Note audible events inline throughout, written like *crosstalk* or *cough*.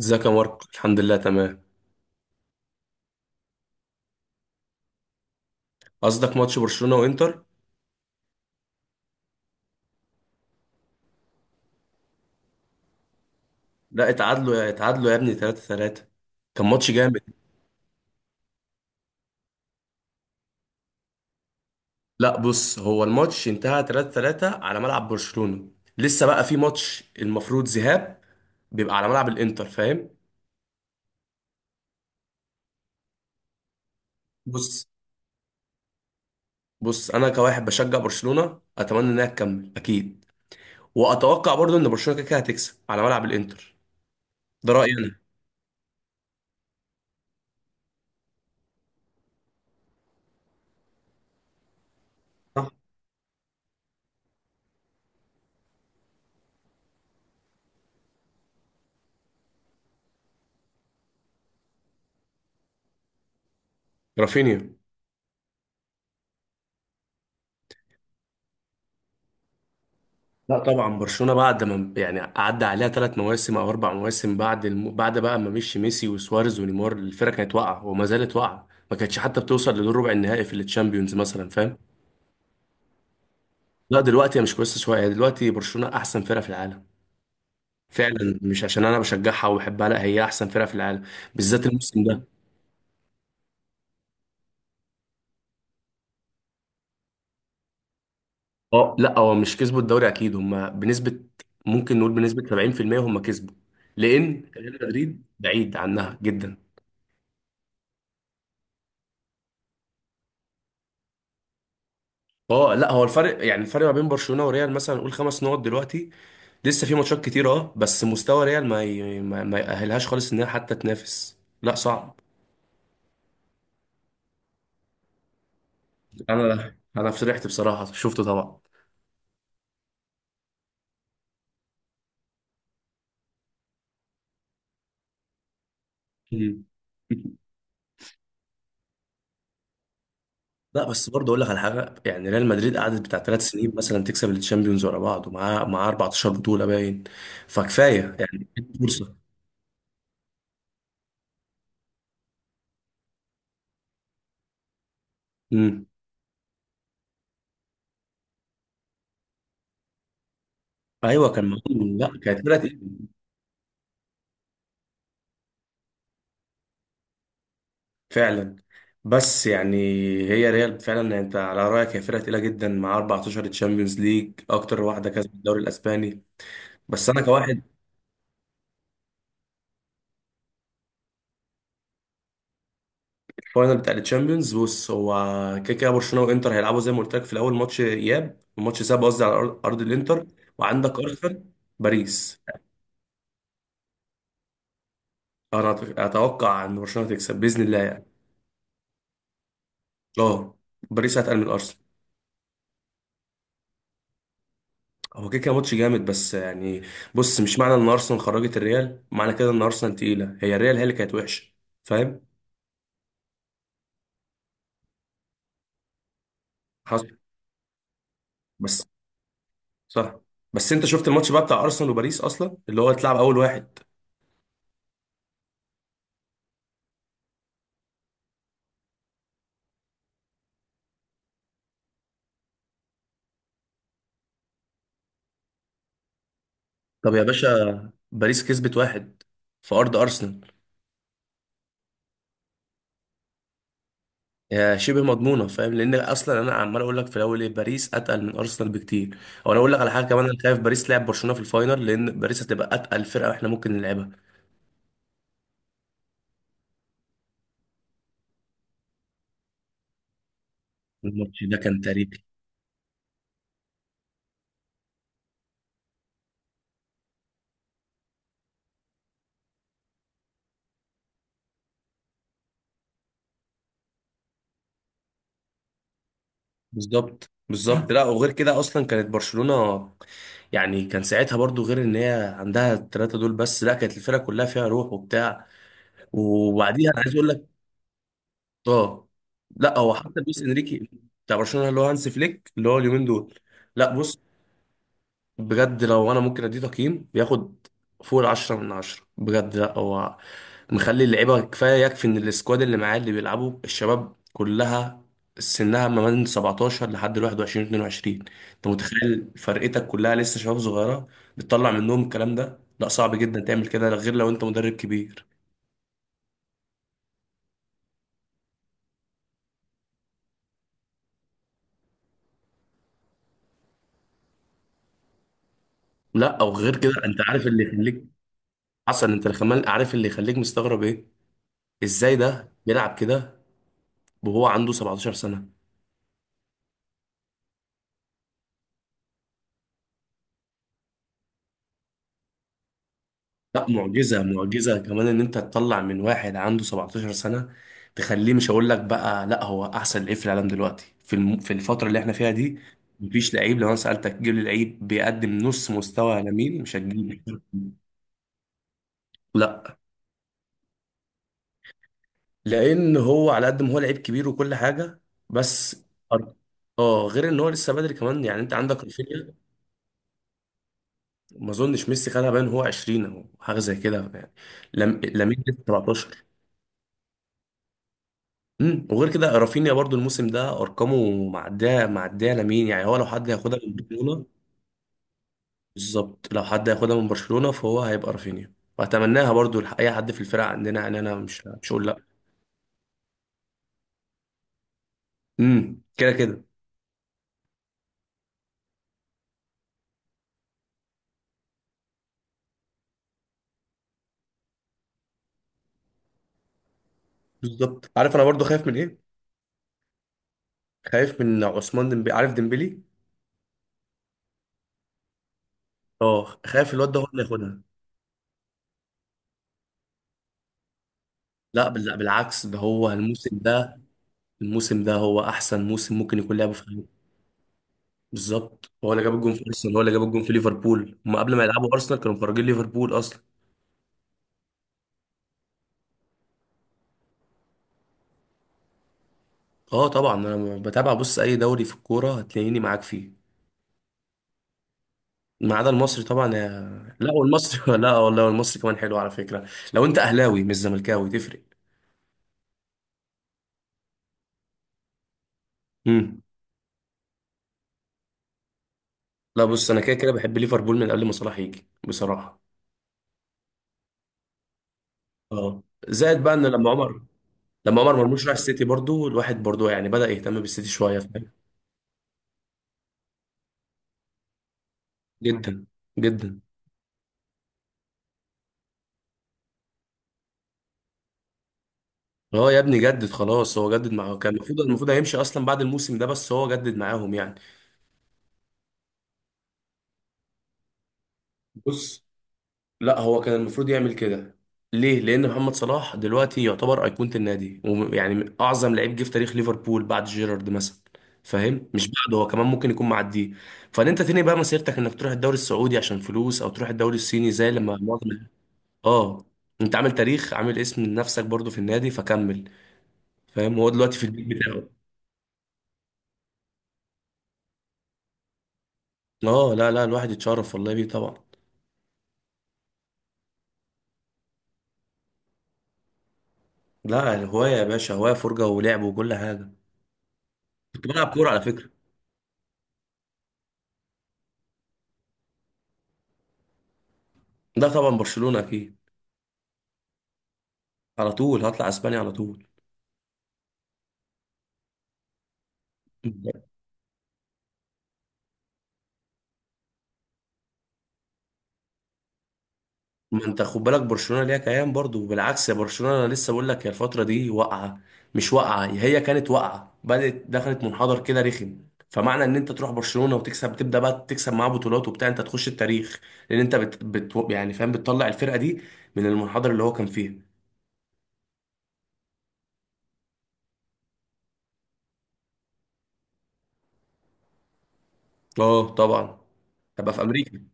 ازيك يا ماركو، الحمد لله تمام. قصدك ماتش برشلونة وانتر؟ لا، اتعادلوا يا ابني، 3 3. كان ماتش جامد. لا بص، هو الماتش انتهى 3 3 على ملعب برشلونة. لسه بقى في ماتش المفروض ذهاب، بيبقى على ملعب الانتر، فاهم. بص. بص انا كواحد بشجع برشلونة، اتمنى انها تكمل اكيد. واتوقع برضو ان برشلونة كده كده هتكسب على ملعب الانتر. ده رأيي انا. صح. رافينيا. لا طبعا، برشلونه بعد ما يعني عدى عليها 3 مواسم او 4 مواسم، بعد بقى ما مشي ميسي وسواريز ونيمار، الفرقه كانت واقعه وما زالت واقعه، ما كانتش حتى بتوصل لدور ربع النهائي في التشامبيونز مثلا، فاهم. لا دلوقتي هي مش كويسه شويه، هي دلوقتي برشلونه احسن فرقه في العالم. فعلا، مش عشان انا بشجعها وبحبها، لا هي احسن فرقه في العالم، بالذات الموسم ده. اه لا هو مش كسبوا الدوري اكيد، هم بنسبه ممكن نقول بنسبه 70% هم كسبوا، لان ريال مدريد بعيد عنها جدا. اه لا هو الفرق، يعني الفرق ما بين برشلونة وريال مثلا نقول 5 نقط دلوقتي. لسه في ماتشات كتير، اه بس مستوى ريال ما ي... ما, ما يأهلهاش خالص انها حتى تنافس، لا صعب. انا فرحت بصراحة، شفته طبعا. مم. لا بس برضه اقول لك على حاجة، يعني ريال مدريد قعدت بتاع 3 سنين مثلا تكسب الشامبيونز ورا بعض، ومعاه 14 بطولة باين. فكفاية يعني. فرصة. امم. ايوه كان معاهم، لا كانت فرقة. فعلا. بس يعني، هي ريال فعلا، يعني انت على رايك هي فرقه تقيله جدا، مع 14 تشامبيونز ليج، اكتر واحده كسبت الدوري الاسباني. بس انا كواحد. فاينل بتاع التشامبيونز، بص هو كده كده برشلونه وانتر هيلعبوا، زي ما قلت لك في الاول ماتش اياب وماتش ساب، قصدي على أرض الانتر. وعندك ارسنال. باريس. انا اتوقع ان برشلونه تكسب باذن الله يعني. اه باريس هتقل من ارسنال. هو كده كده ماتش جامد بس يعني. بص، مش معنى ان ارسنال خرجت الريال، معنى كده ان ارسنال تقيله، هي الريال هي اللي كانت وحشه، فاهم. حصل. بس. صح. بس انت شفت الماتش بقى بتاع ارسنال وباريس اصلا اللي هو اتلعب اول واحد؟ طب يا باشا، باريس كسبت واحد في ارض ارسنال. يا شبه مضمونه فاهم، لان اصلا انا عمال اقول لك في الاول، ايه باريس اتقل من ارسنال بكتير. او انا اقول لك على حاجه كمان، انا خايف باريس لعب برشلونه في الفاينل، لان باريس هتبقى اتقل فرقه احنا ممكن نلعبها. الماتش ده كان تاريخي. بالظبط بالظبط، لا وغير كده اصلا كانت برشلونه، يعني كان ساعتها برضو غير ان هي عندها الثلاثه دول، بس لا كانت الفرقه كلها فيها روح وبتاع. وبعديها انا عايز اقول لك. اه لا هو حتى لويس انريكي. بتاع برشلونه اللي هو هانس فليك اللي هو اليومين دول. لا بص. بجد لو انا ممكن اديه تقييم، بياخد فوق العشرة من عشرة بجد. لا هو مخلي اللعيبة، كفاية يكفي ان السكواد اللي معاه اللي بيلعبوا الشباب كلها سنها ما بين 17 لحد 21 22. انت متخيل فرقتك كلها لسه شباب صغيرة بتطلع منهم الكلام ده؟ لا صعب جدا تعمل كده غير لو انت مدرب كبير. لا او غير كده، انت عارف اللي يخليك. حصل. انت الخمال عارف اللي يخليك مستغرب ايه؟ ازاي ده بيلعب كده وهو عنده 17 سنة. لا معجزة معجزة كمان ان انت تطلع من واحد عنده 17 سنة تخليه، مش هقول لك بقى لا هو احسن لعيب في العالم دلوقتي، في الفترة اللي احنا فيها دي. مفيش لعيب لو انا سألتك جيب لي لعيب بيقدم نص مستوى لامين مش هتجيب. لا. لان هو على قد ما هو لعيب كبير وكل حاجة، بس أر- اه غير ان هو لسه بدري كمان، يعني انت عندك رافينيا. ما اظنش ميسي خدها، باين هو 20 او حاجة زي كده يعني. لم... لامين لسه 17. وغير كده رافينيا برضو الموسم ده ارقامه معديه معديه لمين، يعني هو لو حد هياخدها من برشلونه. بالظبط، لو حد هياخدها من برشلونه فهو هيبقى رافينيا، واتمناها برضو اي حد في الفرقه عندنا، يعني انا مش هقول لا. كده كده. بالظبط، عارف انا برضو خايف من ايه؟ خايف من عثمان ديمبلي، عارف ديمبلي. اه خايف الواد ده هو اللي ياخدها. لا بالعكس، ده هو الموسم ده، الموسم ده هو احسن موسم ممكن يكون لعبه في حياته. بالظبط، هو اللي جاب الجون في ارسنال، هو اللي جاب الجون في ليفربول، هم قبل ما يلعبوا ارسنال كانوا مفرجين ليفربول اصلا. اه طبعا انا بتابع، بص اي دوري في الكوره هتلاقيني معاك فيه. ما عدا المصري طبعا، لا والمصري *laughs* لا والله المصري كمان حلو على فكره. لو انت اهلاوي مش زملكاوي تفرق. امم. لا بص انا كده كده بحب ليفربول من قبل ما صلاح يجي بصراحه. اه زائد بقى ان لما عمر مرموش راح السيتي، برضو الواحد برضو يعني بدأ يهتم بالسيتي شويه، فاهم. جدا. جدا. اه يا ابني جدد خلاص، هو جدد معاه، كان المفروض هيمشي اصلا بعد الموسم ده، بس هو جدد معاهم يعني. بص. لا هو كان المفروض يعمل كده. ليه؟ لان محمد صلاح دلوقتي يعتبر ايقونه النادي، ويعني اعظم لعيب جه في تاريخ ليفربول بعد جيرارد مثلا، فاهم. مش بعده، هو كمان ممكن يكون معديه. فان انت تاني بقى مسيرتك انك تروح الدوري السعودي عشان فلوس، او تروح الدوري الصيني زي لما معظم. اه، انت عامل تاريخ، عامل اسم لنفسك برضو في النادي فكمل، فاهم. هو دلوقتي في البيت بتاعه. اه لا، لا، الواحد يتشرف والله بيه طبعا. لا هوايه يا باشا، هوايه فرجه ولعب وكل حاجه. كنت بلعب كوره على فكره. ده طبعا برشلونه اكيد. على طول هطلع اسبانيا على طول. ما انت خد بالك، برشلونه ليها كيان برضو، بالعكس، يا برشلونه، انا لسه بقول لك هي الفتره دي واقعه، مش واقعه، هي كانت واقعه، بدات دخلت منحدر كده رخم. فمعنى ان انت تروح برشلونه وتكسب، تبدا بقى تكسب معاه بطولات وبتاع، انت تخش التاريخ. لان انت يعني فاهم بتطلع الفرقه دي من المنحدر اللي هو كان فيه. اه طبعا. تبقى في امريكا.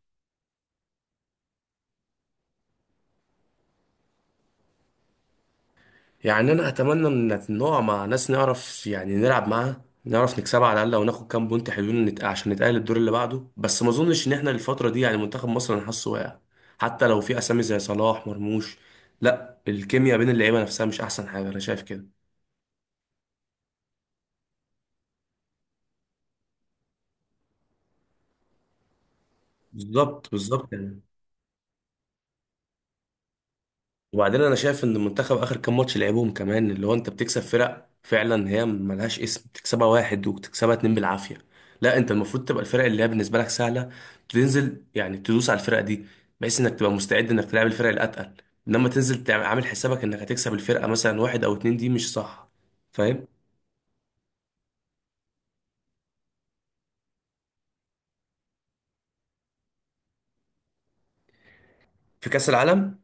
يعني انا اتمنى ان نقع مع ناس نعرف يعني نلعب معاها، نعرف نكسبها على الاقل وناخد كام بونت حلوين، عشان نتاهل الدور اللي بعده. بس ما اظنش ان احنا الفتره دي، يعني منتخب مصر انا حاسه واقع، حتى لو في اسامي زي صلاح مرموش. لا الكيمياء بين اللعيبه نفسها مش احسن حاجه، انا شايف كده. بالظبط بالظبط يعني. وبعدين انا شايف ان المنتخب اخر كام ماتش لعبوهم كمان، اللي هو انت بتكسب فرق فعلا هي ملهاش اسم، بتكسبها واحد وبتكسبها اتنين بالعافيه. لا انت المفروض تبقى الفرق اللي هي بالنسبه لك سهله، تنزل يعني تدوس على الفرق دي، بحيث انك تبقى مستعد انك تلعب الفرق الاتقل. انما تنزل عامل حسابك انك هتكسب الفرقه مثلا واحد او اتنين، دي مش صح، فاهم. في كاس العالم.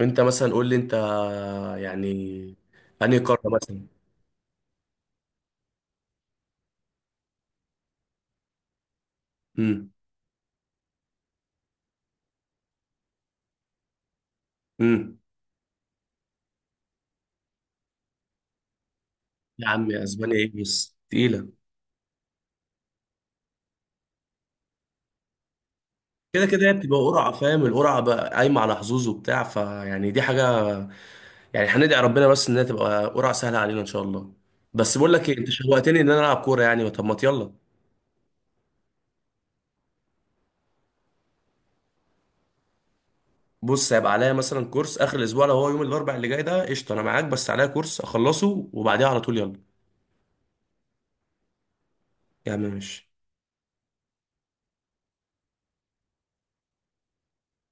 انت مثلا قول لي انت، يعني انهي قاره مثلا. امم. امم. يا عم، يا اسبانيا ايه، بس تقيله. كده كده هي بتبقى قرعه، فاهم، القرعه بقى قايمه على حظوظ وبتاع، فيعني دي حاجه، يعني هندعي ربنا بس انها تبقى قرعه سهله علينا ان شاء الله. بس بقول لك ايه، انت شوقتني ان انا العب كوره يعني، طب ما يلا. بص، هيبقى عليا مثلا كورس اخر الاسبوع، لو هو يوم الاربع اللي جاي ده قشطه، انا معاك، بس عليا كورس اخلصه وبعديها على طول يلا. يا عم ماشي.